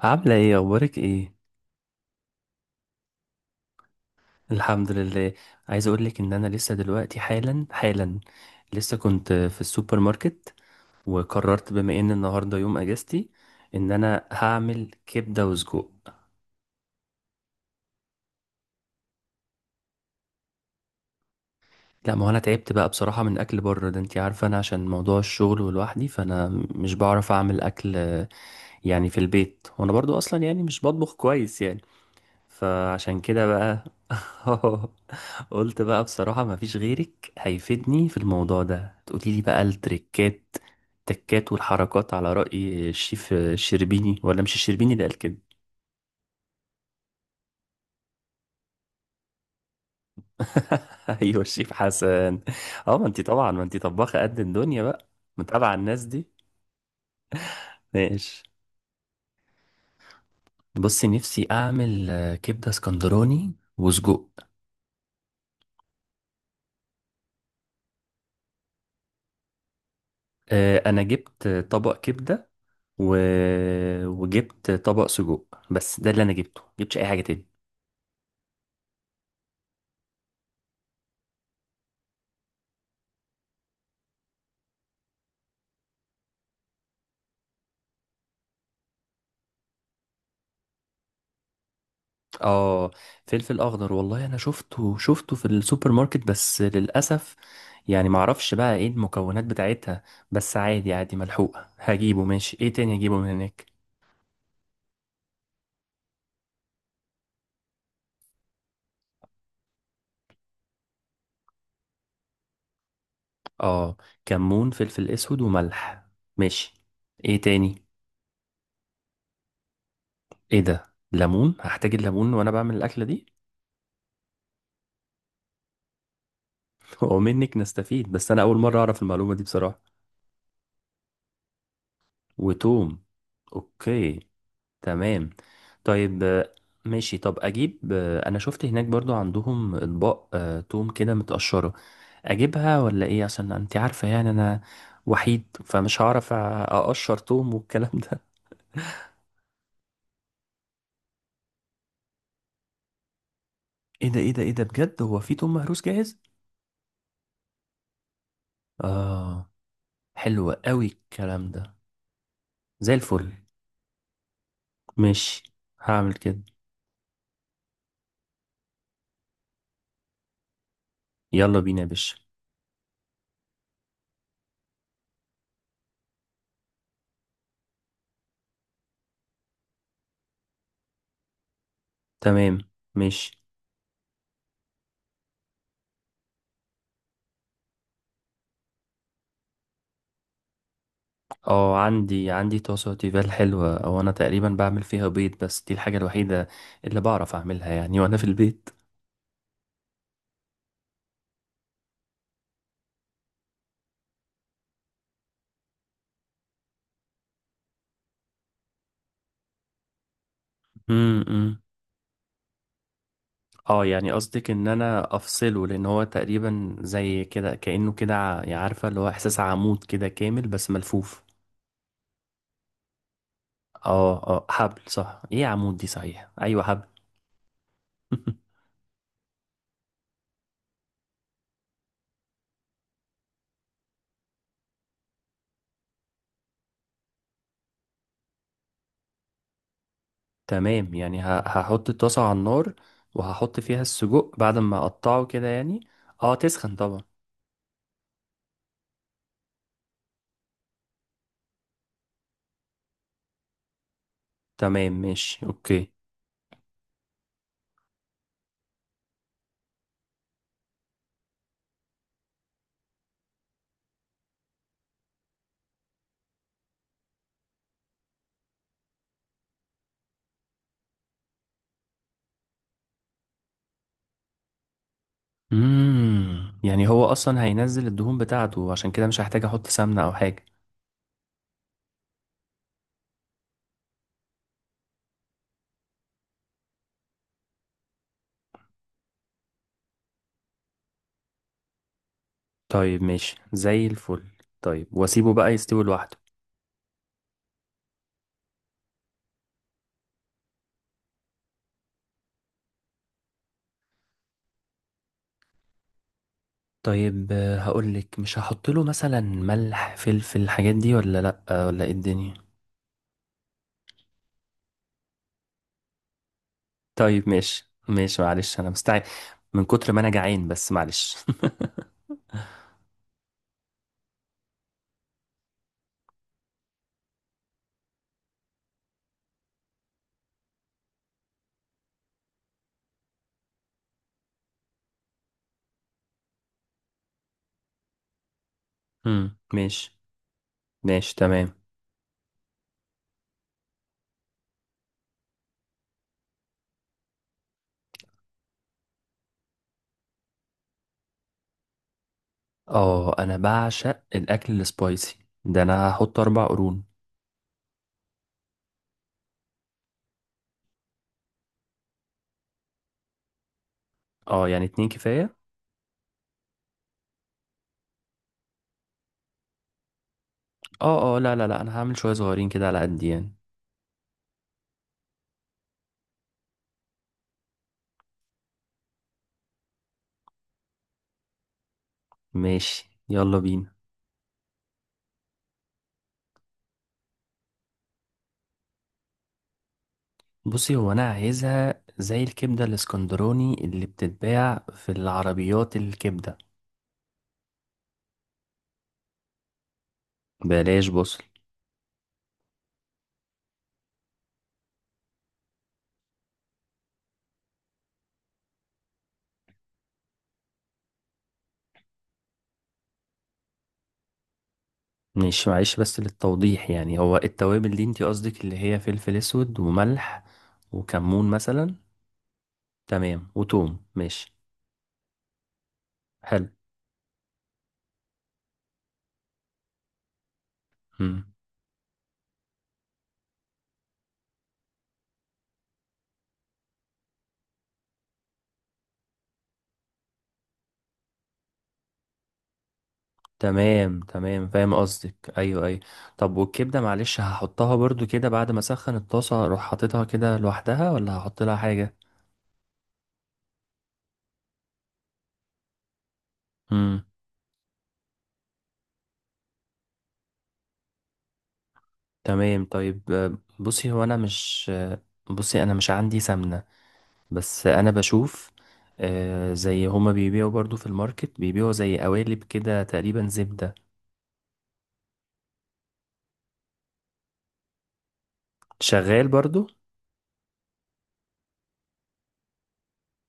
عاملة ايه؟ اخبارك ايه؟ الحمد لله. عايز اقولك ان انا لسه دلوقتي حالا حالا، لسه كنت في السوبر ماركت. وقررت بما ان النهاردة يوم اجازتي ان انا هعمل كبدة وسجق. لا، ما هو انا تعبت بقى بصراحة من اكل بره ده. انتي عارفة، انا عشان موضوع الشغل ولوحدي، فانا مش بعرف اعمل اكل يعني في البيت. وانا برضو اصلا يعني مش بطبخ كويس يعني، فعشان كده بقى. قلت بقى بصراحة مفيش غيرك هيفيدني في الموضوع ده. تقولي لي بقى التكات والحركات، على رأي الشيف الشربيني، ولا مش الشربيني اللي قال كده؟ ايوه، الشيف حسن. اه، ما انتي طباخة قد الدنيا بقى، متابعة الناس دي. ماشي. بصي، نفسي اعمل كبدة اسكندراني وسجق. انا جبت طبق كبدة و... وجبت طبق سجق. بس ده اللي انا جبته، جبتش اي حاجه تاني. اه، فلفل اخضر، والله انا شفته شفته في السوبر ماركت، بس للاسف يعني معرفش بقى ايه المكونات بتاعتها. بس عادي عادي، ملحوقه، هجيبه. ماشي، ايه تاني هجيبه من هناك؟ اه، كمون، فلفل اسود وملح. ماشي، ايه تاني؟ ايه ده؟ ليمون؟ هحتاج الليمون وانا بعمل الاكله دي؟ ومنك نستفيد، بس انا اول مره اعرف المعلومه دي بصراحه. وتوم. اوكي، تمام. طيب. ماشي، طب اجيب انا شفت هناك برضو عندهم اطباق توم كده متقشرة، اجيبها ولا ايه؟ عشان انت عارفة يعني انا وحيد، فمش هعرف اقشر توم والكلام ده. ايه ده، ايه ده، ايه ده بجد؟ هو في توم مهروس جاهز؟ اه، حلو قوي الكلام ده، زي الفل. ماشي، هعمل كده. يلا بينا يا باشا. تمام، ماشي. اه، عندي طاسة تيفال حلوة، او انا تقريبا بعمل فيها بيض، بس دي الحاجة الوحيدة اللي بعرف اعملها يعني وانا في البيت. امم اه، يعني قصدك ان انا افصله، لان هو تقريبا زي كده كأنه كده يعني عارفة، اللي هو احساس عمود كده كامل بس ملفوف. اه اه، حبل صح، ايه عمود دي، صحيح، ايوه حبل. تمام، يعني هحط الطاسة على النار وهحط فيها السجق بعد ما اقطعه كده يعني. اه، تسخن طبعا. تمام، ماشي، اوكي. يعني هو اصلا هينزل الدهون بتاعته، عشان كده مش هحتاج احط سمنة او حاجة. طيب، ماشي، زي الفل. طيب، واسيبه بقى يستوي لوحده؟ طيب هقولك، مش هحط له مثلا ملح، فلفل، الحاجات دي ولا لا؟ ولا ايه الدنيا؟ طيب، ماشي ماشي، معلش انا مستعجل من كتر ما انا جعان، بس معلش. امم. ماشي ماشي، تمام. اه، انا بعشق الاكل السبايسي ده، انا هحط 4 قرون. اه، يعني اتنين كفاية. اه اه، لا لا لا، انا هعمل شوية صغيرين كده على قد يعني. ماشي، يلا بينا. بصي، هو انا عايزها زي الكبدة الاسكندراني اللي بتتباع في العربيات الكبدة. بلاش بصل. ماشي، معلش، بس للتوضيح يعني، هو التوابل دي انتي قصدك اللي هي فلفل اسود وملح وكمون مثلا؟ تمام، وتوم. ماشي، حلو. مم. تمام تمام، فاهم قصدك، ايوه ايوه. طب والكبدة معلش، هحطها برضو كده بعد ما اسخن الطاسة اروح حاططها كده لوحدها، ولا هحط لها حاجة؟ مم. تمام. طيب بصي، هو انا مش بصي انا مش عندي سمنة، بس انا بشوف زي هما بيبيعوا برضو في الماركت، بيبيعوا زي قوالب كده تقريبا زبدة. شغال برضو؟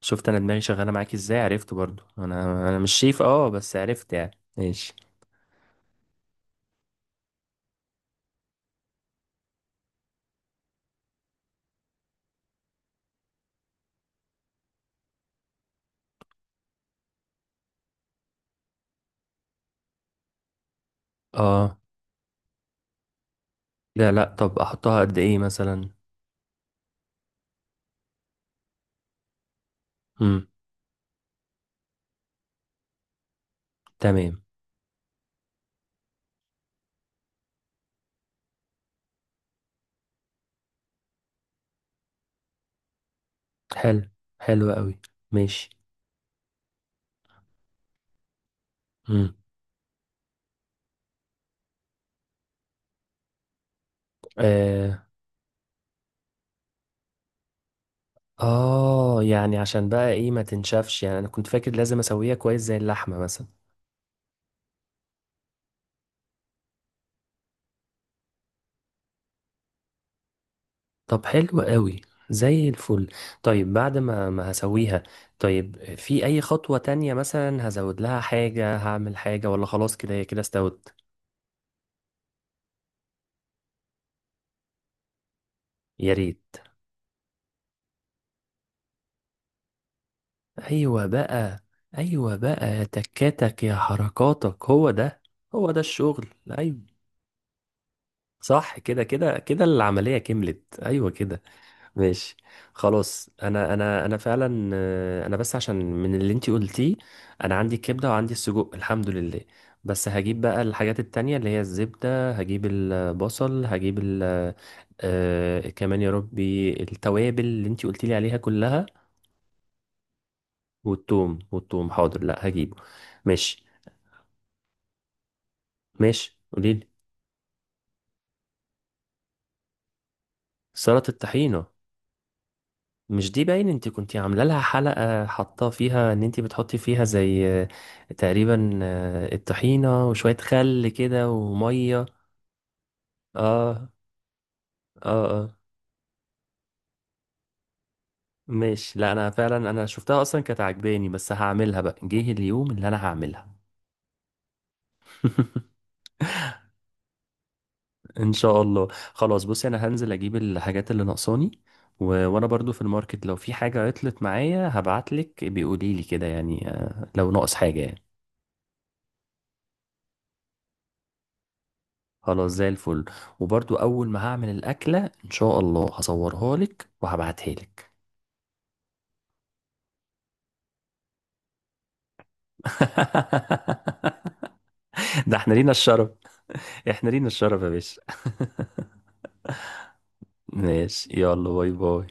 شفت انا دماغي شغالة معاك ازاي، عرفت برضو. انا مش شيف اه، بس عرفت يعني. ماشي. اه، لا لا، طب احطها قد ايه مثلا؟ امم. تمام. حلو حلو قوي. ماشي. امم اه، يعني عشان بقى ايه ما تنشفش يعني؟ انا كنت فاكر لازم اسويها كويس زي اللحمة مثلا. طب حلو قوي، زي الفل. طيب، بعد ما هسويها، طيب، في اي خطوة تانية مثلا هزود لها حاجة، هعمل حاجة، ولا خلاص كده هي كده استوت؟ يا ريت. ايوه بقى، ايوه بقى تكاتك يا حركاتك، هو ده، هو ده الشغل. ايوه، صح كده كده كده، العملية كملت، ايوه كده. ماشي، خلاص. انا فعلا انا بس عشان من اللي انتي قلتيه، انا عندي الكبده وعندي السجق، الحمد لله. بس هجيب بقى الحاجات التانية اللي هي الزبده، هجيب البصل، هجيب ال آه كمان يا ربي التوابل اللي انتي قلتي لي عليها كلها. والثوم حاضر، لا هجيبه. ماشي. ماشي قوليلي. سلطه الطحينه؟ مش دي باين انت كنتي عامله لها حلقه، حاطه فيها ان انت بتحطي فيها زي تقريبا الطحينه وشويه خل كده وميه؟ اه اه اه. ماشي، لا انا فعلا انا شفتها اصلا كانت عجباني، بس هعملها بقى، جه اليوم اللي انا هعملها. ان شاء الله. خلاص، بصي، انا هنزل اجيب الحاجات اللي ناقصاني، وانا برضو في الماركت لو في حاجه عطلت معايا هبعتلك، بيقولي لي كده يعني لو ناقص حاجه يعني. خلاص، زي الفل. وبرضو اول ما هعمل الاكله ان شاء الله هصورها لك وهبعتها لك. ده احنا لينا الشرف، احنا لينا الشرف يا باشا. ماشي، يلا باي باي.